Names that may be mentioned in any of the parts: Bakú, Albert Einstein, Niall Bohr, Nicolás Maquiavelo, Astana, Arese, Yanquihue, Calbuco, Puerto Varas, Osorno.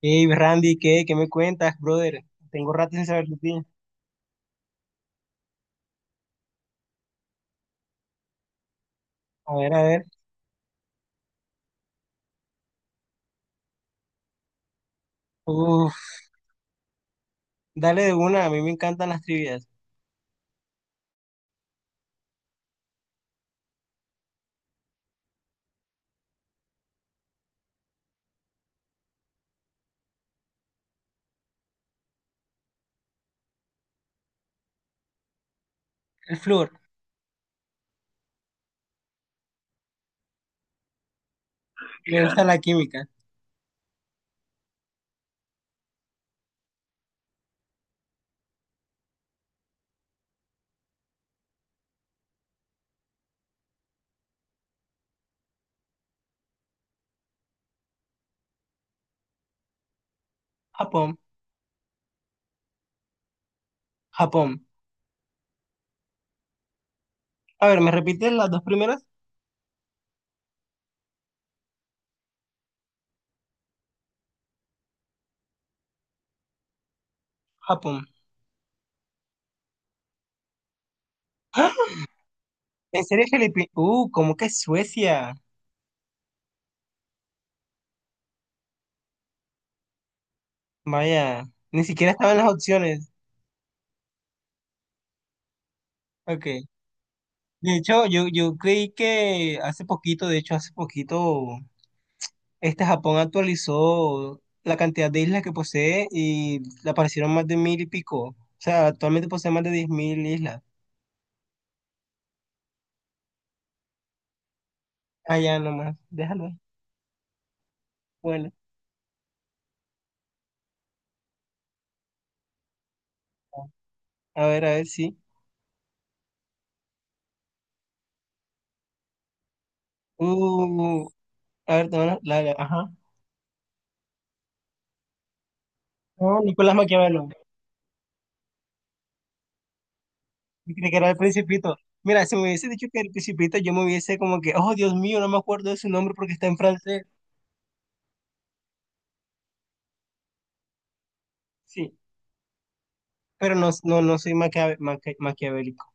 Hey, Randy, ¿qué? ¿Qué me cuentas, brother? Tengo rato sin saber de ti. A ver, a ver. Uf, dale de una, a mí me encantan las trivias. El flúor, me gusta la química. Japón, Japón. A ver, ¿me repites las dos primeras? Japón. ¡Ah! ¿En serio, Felipe? ¿Cómo que Suecia? Vaya, ni siquiera estaban las opciones. Ok. De hecho, yo creí que hace poquito, de hecho, hace poquito. Japón actualizó la cantidad de islas que posee y le aparecieron más de mil y pico. O sea, actualmente posee más de 10.000 islas. Allá nomás, déjalo ahí. Bueno, a ver, sí. Uh, a ver, no, no, ajá. No, Nicolás Maquiavelo. Yo creí que era el Principito. Mira, si me hubiese dicho que era el Principito, yo me hubiese como que, oh, Dios mío, no me acuerdo de su nombre porque está en francés. Sí, pero no, no, no soy maquiavélico.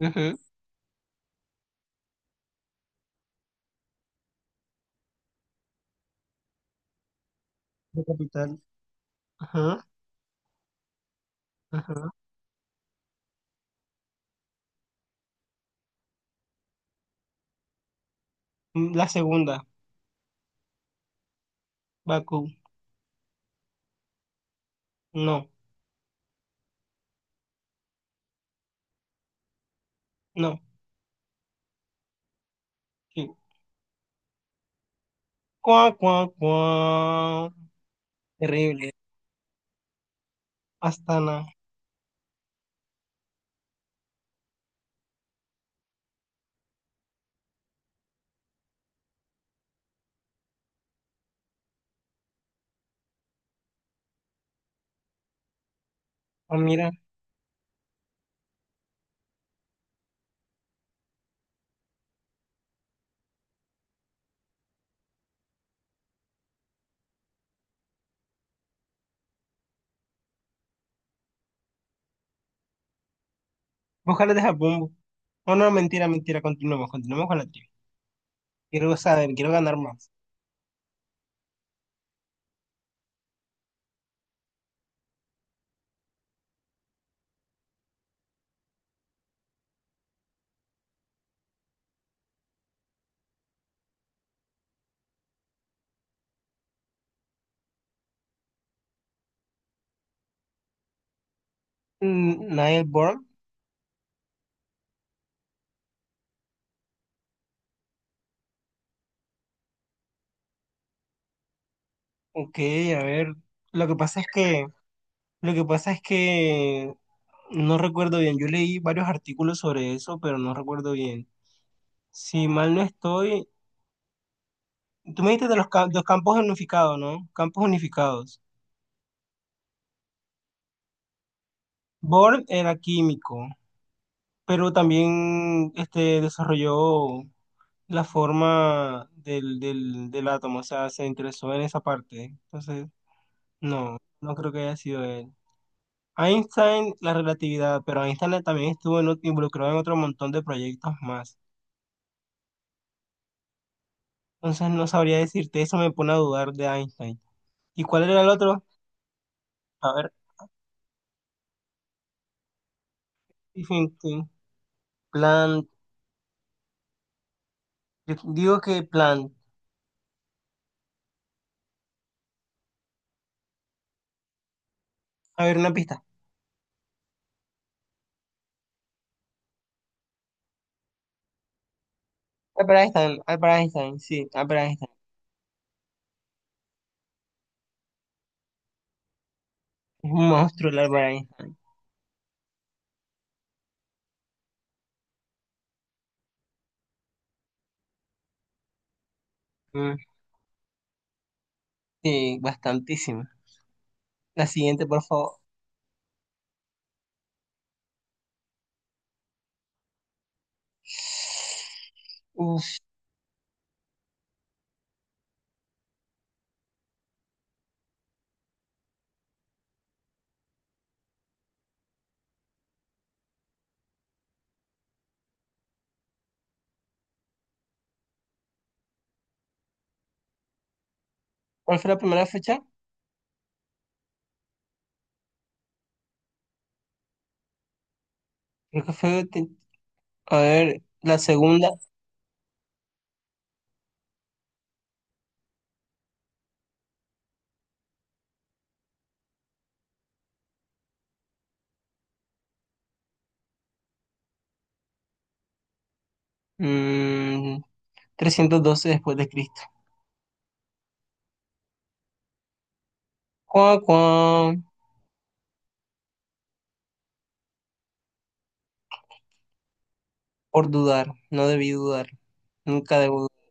Ujú. De capital. Ajá, ajá. La segunda, Bakú. No, no. Sí. Cuá, cuá, cuá. Terrible. Astana. Ah, mira. Ojalá deja bombo. No, no, mentira, mentira. Continuemos, continuemos con la trivia. Quiero saber, quiero ganar más. Niall Bohr. Ok, a ver. Lo que pasa es que, lo que pasa es que no recuerdo bien. Yo leí varios artículos sobre eso, pero no recuerdo bien. Si mal no estoy, tú me dijiste de los campos unificados, ¿no? Campos unificados. Bohr era químico, pero también desarrolló la forma del átomo. O sea, se interesó en esa parte. Entonces, no, no creo que haya sido él. Einstein, la relatividad, pero Einstein también estuvo involucrado en otro montón de proyectos más. Entonces, no sabría decirte, eso me pone a dudar de Einstein. ¿Y cuál era el otro? A ver, thinking, Plan, yo digo que plan. A ver, una pista. Albert Einstein, Albert Einstein, sí, Albert Einstein. Es un monstruo el Albert Einstein. Sí, bastantísimo. La siguiente, por favor. Uf, ¿cuál fue la primera fecha? Creo que fue, a ver, la segunda, mm, trescientos doce después de Cristo. Cuá, cuá, por dudar, no debí dudar, nunca debo dudar.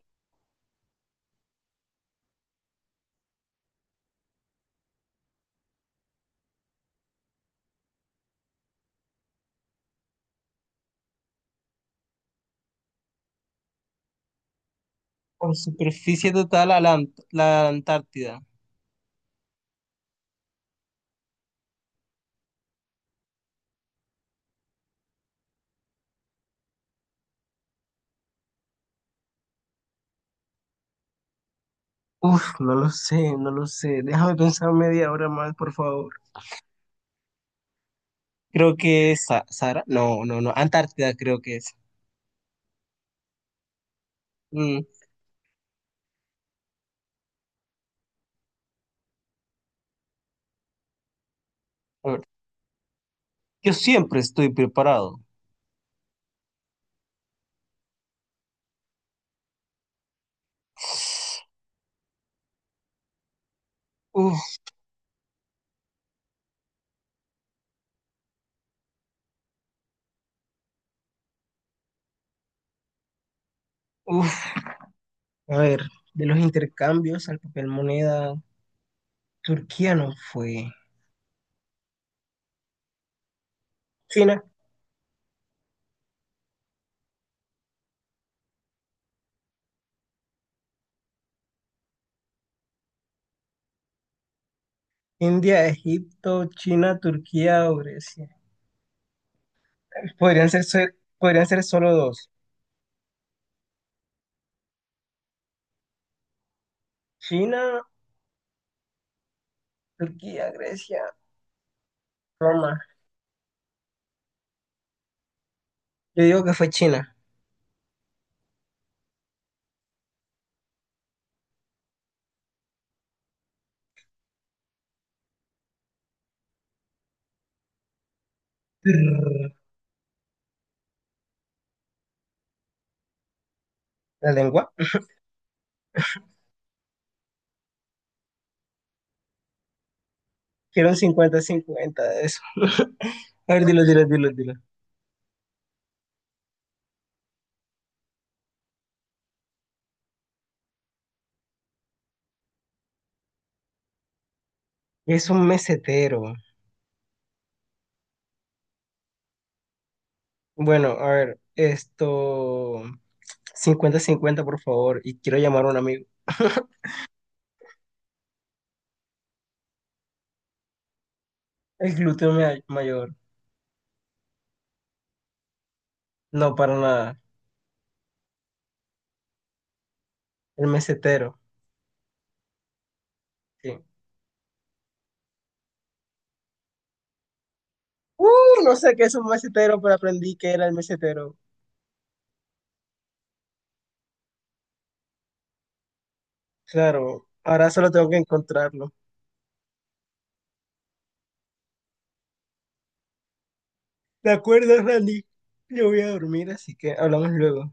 Por superficie total a la Antártida. Uf, no lo sé, no lo sé. Déjame pensar media hora más, por favor. Creo que es Sara. No, no, no. Antártida creo que es. Mm, a ver. Yo siempre estoy preparado. Uf, uf. A ver, de los intercambios al papel moneda, Turquía no fue. China, India, Egipto, China, Turquía o Grecia. Podrían ser, so- podrían ser solo dos. China, Turquía, Grecia, Roma. Yo digo que fue China. Brr, la lengua. Quiero un 50-50 de eso. A ver, dilo, dilo, dilo, dilo. Es un mesetero. Bueno, a ver, esto 50-50, por favor, y quiero llamar a un amigo. El glúteo mayor. No, para nada. El mesetero. Sí. Uh, no sé qué es un mesetero, pero aprendí que era el mesetero. Claro, ahora solo tengo que encontrarlo. De acuerdo, Randy. Yo voy a dormir, así que hablamos luego.